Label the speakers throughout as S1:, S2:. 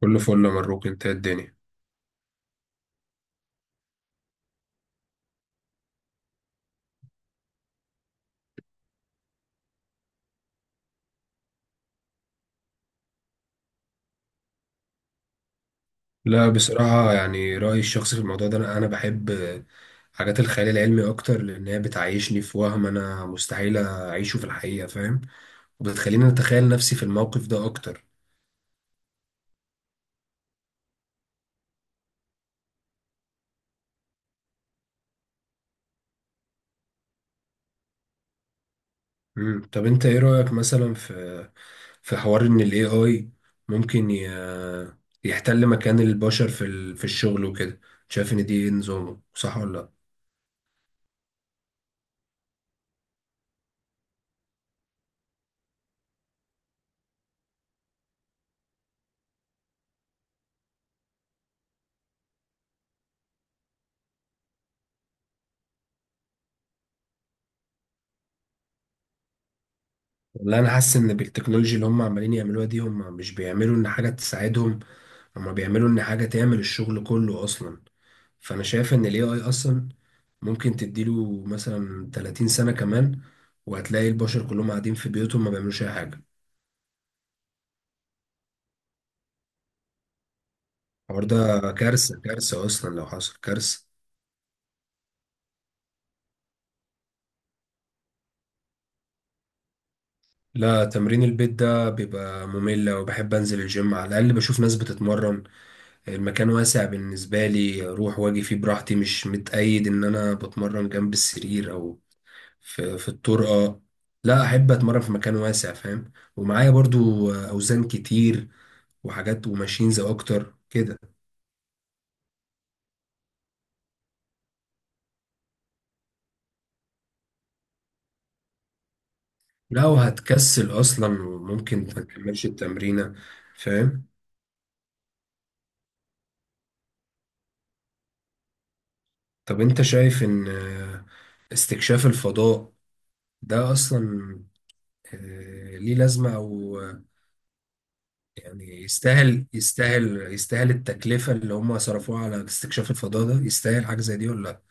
S1: كله فل يا مبروك، انت ايه الدنيا؟ لا بصراحة يعني رأيي الشخصي في الموضوع ده أنا بحب حاجات الخيال العلمي أكتر لأن هي بتعيشني في وهم أنا مستحيل أعيشه في الحقيقة، فاهم. وبتخليني أتخيل نفسي في الموقف ده أكتر. مم. طب أنت إيه رأيك مثلا في حوار إن ال AI ممكن يحتل مكان البشر في الشغل وكده. شايف إن دي إيه، نظامه صح ولا لأ؟ والله أنا حاسس إن بالتكنولوجيا اللي هم عمالين يعملوها دي هم مش بيعملوا إن حاجة تساعدهم، هما بيعملوا ان حاجة تعمل الشغل كله اصلا. فانا شايف ان الاي اي اصلا ممكن تديله مثلا 30 سنة كمان، وهتلاقي البشر كلهم قاعدين في بيوتهم ما بيعملوش اي حاجة. الحوار ده كارثة، كارثة اصلا لو حصل كارثة. لا، تمرين البيت ده بيبقى ممل، وبحب انزل الجيم على الاقل بشوف ناس بتتمرن. المكان واسع بالنسبة لي، اروح واجي فيه براحتي، مش متقيد ان انا بتمرن جنب السرير او في الطور. اه لا، احب اتمرن في مكان واسع، فاهم، ومعايا برضو اوزان كتير وحاجات وماشينز اكتر كده. لو هتكسل اصلا وممكن ما تكملش التمرينه، فاهم. طب انت شايف ان استكشاف الفضاء ده اصلا ليه لازمه، او يستاهل التكلفه اللي هم صرفوها على استكشاف الفضاء ده، يستاهل حاجه زي دي ولا؟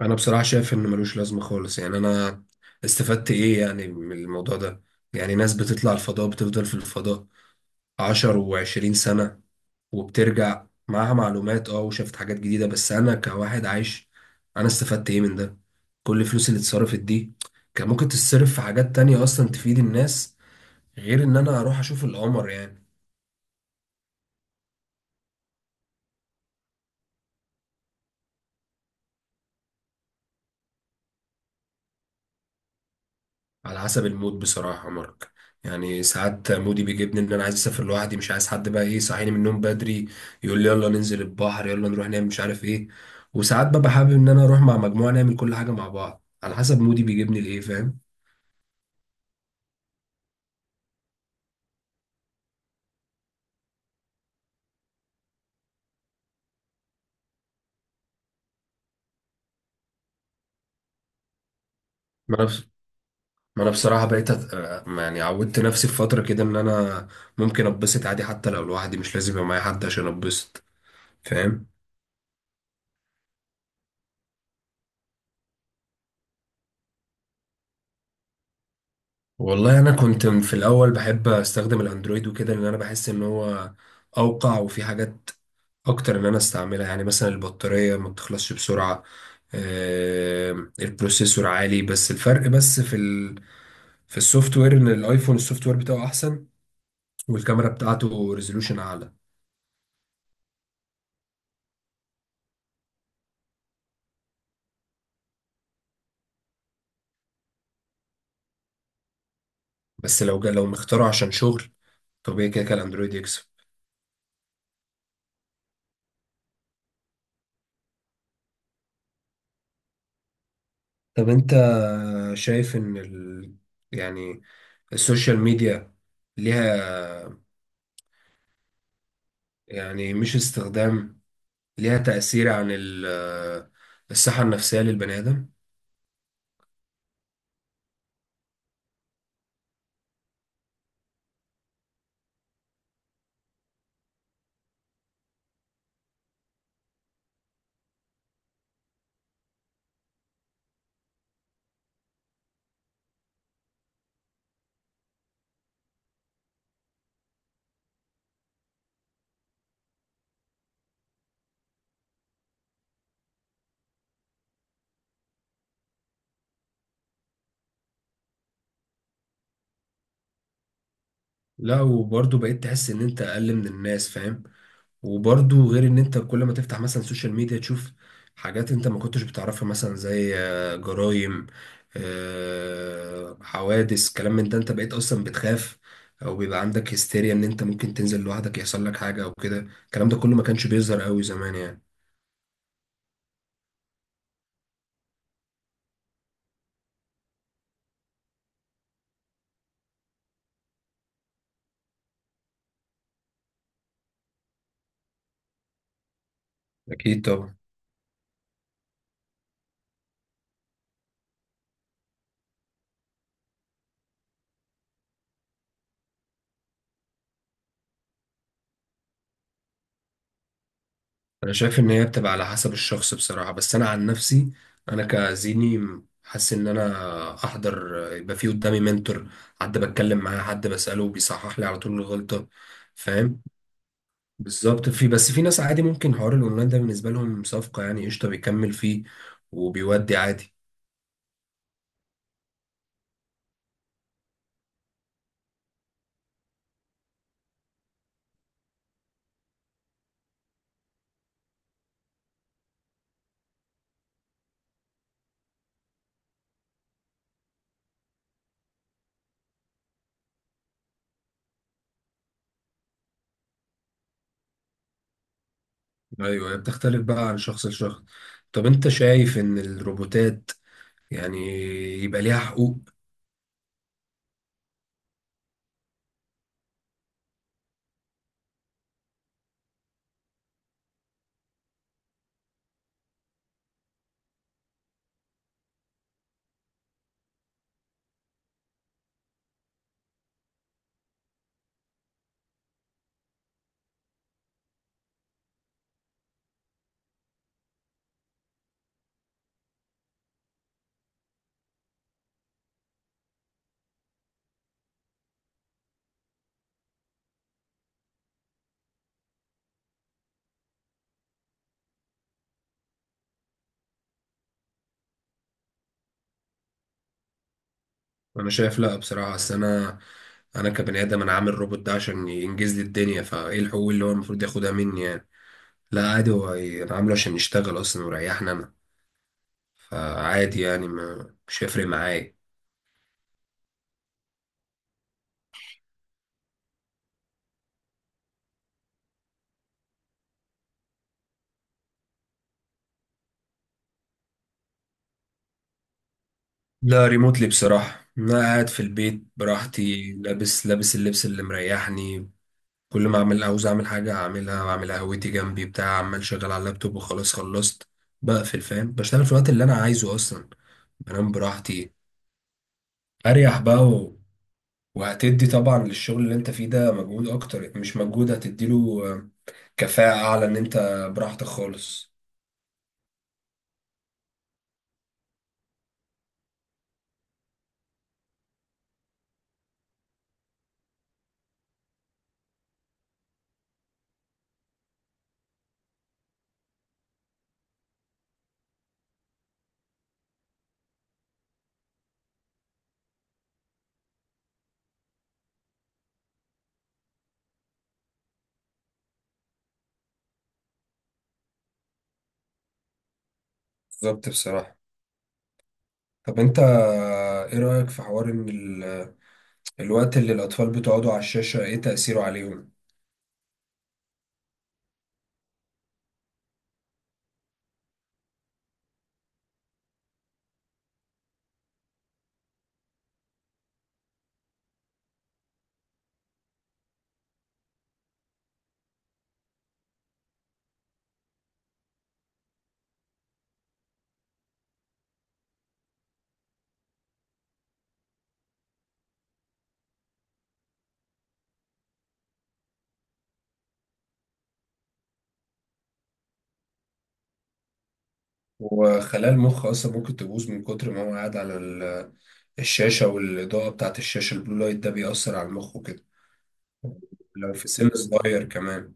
S1: انا بصراحه شايف انه ملوش لازمه خالص. يعني انا استفدت ايه يعني من الموضوع ده؟ يعني ناس بتطلع الفضاء بتفضل في الفضاء عشر وعشرين سنه، وبترجع معاها معلومات، اه، وشافت حاجات جديده، بس انا كواحد عايش انا استفدت ايه من ده؟ كل الفلوس اللي اتصرفت دي كان ممكن تتصرف في حاجات تانية اصلا تفيد الناس، غير ان انا اروح اشوف القمر يعني. على حسب المود بصراحة يا مارك. يعني ساعات مودي بيجيبني ان انا عايز اسافر لوحدي، مش عايز حد بقى ايه يصحيني من النوم بدري يقول لي يلا ننزل البحر يلا نروح نعمل مش عارف ايه. وساعات ببقى حابب ان انا اروح مع مجموعة نعمل كل حاجة مع بعض، على حسب مودي بيجيبني لايه، فاهم. ما انا بص- ما انا بصراحة بقيت أت... آه، يعني عودت نفسي في فترة كده ان انا ممكن اتبسط عادي حتى لو لوحدي، مش لازم يبقى معايا حد عشان اتبسط، فاهم. والله انا كنت في الاول بحب استخدم الاندرويد وكده لان انا بحس ان هو اوقع، وفي حاجات اكتر ان انا استعملها. يعني مثلا البطارية ما بتخلصش بسرعة، آه، البروسيسور عالي. بس الفرق بس في في السوفت وير، ان الايفون السوفت وير بتاعه احسن، والكاميرا بتاعته ريزولوشن اعلى. بس لو مختاره عشان شغل طبيعي، كده كده الاندرويد يكسب. طب انت شايف ان يعني السوشيال ميديا ليها، يعني مش استخدام، ليها تأثير عن الصحة النفسية للبني آدم؟ لا، وبرضه بقيت تحس ان انت اقل من الناس، فاهم. وبرضه غير ان انت كل ما تفتح مثلا سوشيال ميديا تشوف حاجات انت ما كنتش بتعرفها، مثلا زي جرائم، حوادث، كلام من ده، انت بقيت اصلا بتخاف، او بيبقى عندك هستيريا ان انت ممكن تنزل لوحدك يحصل لك حاجة او كده. الكلام ده كله ما كانش بيظهر قوي زمان يعني. اكيد طبعا. انا شايف ان هي بتبقى على حسب الشخص بصراحة، بس انا عن نفسي انا كزيني حاسس ان انا احضر يبقى في قدامي منتور، حد بتكلم معاه حد بسأله بيصحح لي على طول الغلطة، فاهم، بالظبط. في بس في ناس عادي ممكن حوار الاونلاين ده بالنسبة لهم صفقة، يعني قشطة بيكمل فيه وبيودي عادي. ايوه، هي بتختلف بقى عن شخص لشخص. طب انت شايف ان الروبوتات يعني يبقى ليها حقوق؟ انا شايف لا بصراحه. اصل انا، انا كبني ادم انا عامل روبوت ده عشان ينجز لي الدنيا، فايه الحقوق اللي هو المفروض ياخدها مني يعني؟ لا عادي، هو انا عامله عشان يشتغل اصلا ويريحني انا، فعادي يعني ما مش هيفرق معايا. لا ريموتلي بصراحه، انا قاعد في البيت براحتي، لابس اللبس اللي مريحني. كل ما اعمل عاوز اعمل حاجه اعملها، واعمل قهوتي جنبي بتاع، عمال شغال على اللابتوب وخلاص خلصت بقفل، فاهم. بشتغل في الوقت اللي انا عايزه اصلا، بنام براحتي. اريح بقى. وهتدي طبعا للشغل اللي انت فيه ده مجهود اكتر، مش مجهود، هتديله كفاءة اعلى ان انت براحتك خالص، بالظبط بصراحة. طب انت، ايه رأيك في حوار ان الوقت اللي الاطفال بتقعدوا على الشاشة ايه تأثيره عليهم؟ وخلايا المخ اصلا ممكن تبوظ من كتر ما هو قاعد على الشاشة، والإضاءة بتاعت الشاشة، البلو لايت ده بيأثر على المخ وكده، لو في سن صغير كمان.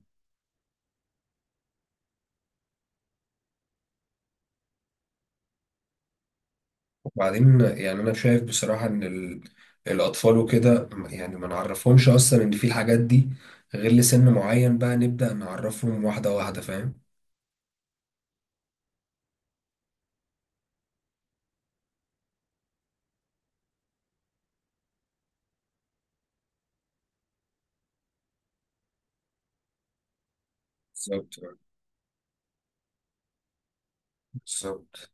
S1: بعدين يعني انا شايف بصراحة ان الاطفال وكده يعني ما نعرفهمش اصلا ان في الحاجات دي غير لسن معين، بقى نبدأ نعرفهم واحدة واحدة، فاهم، بالظبط، بالظبط.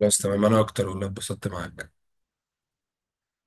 S1: بس تمام، انا اكتر والله اتبسطت معاك.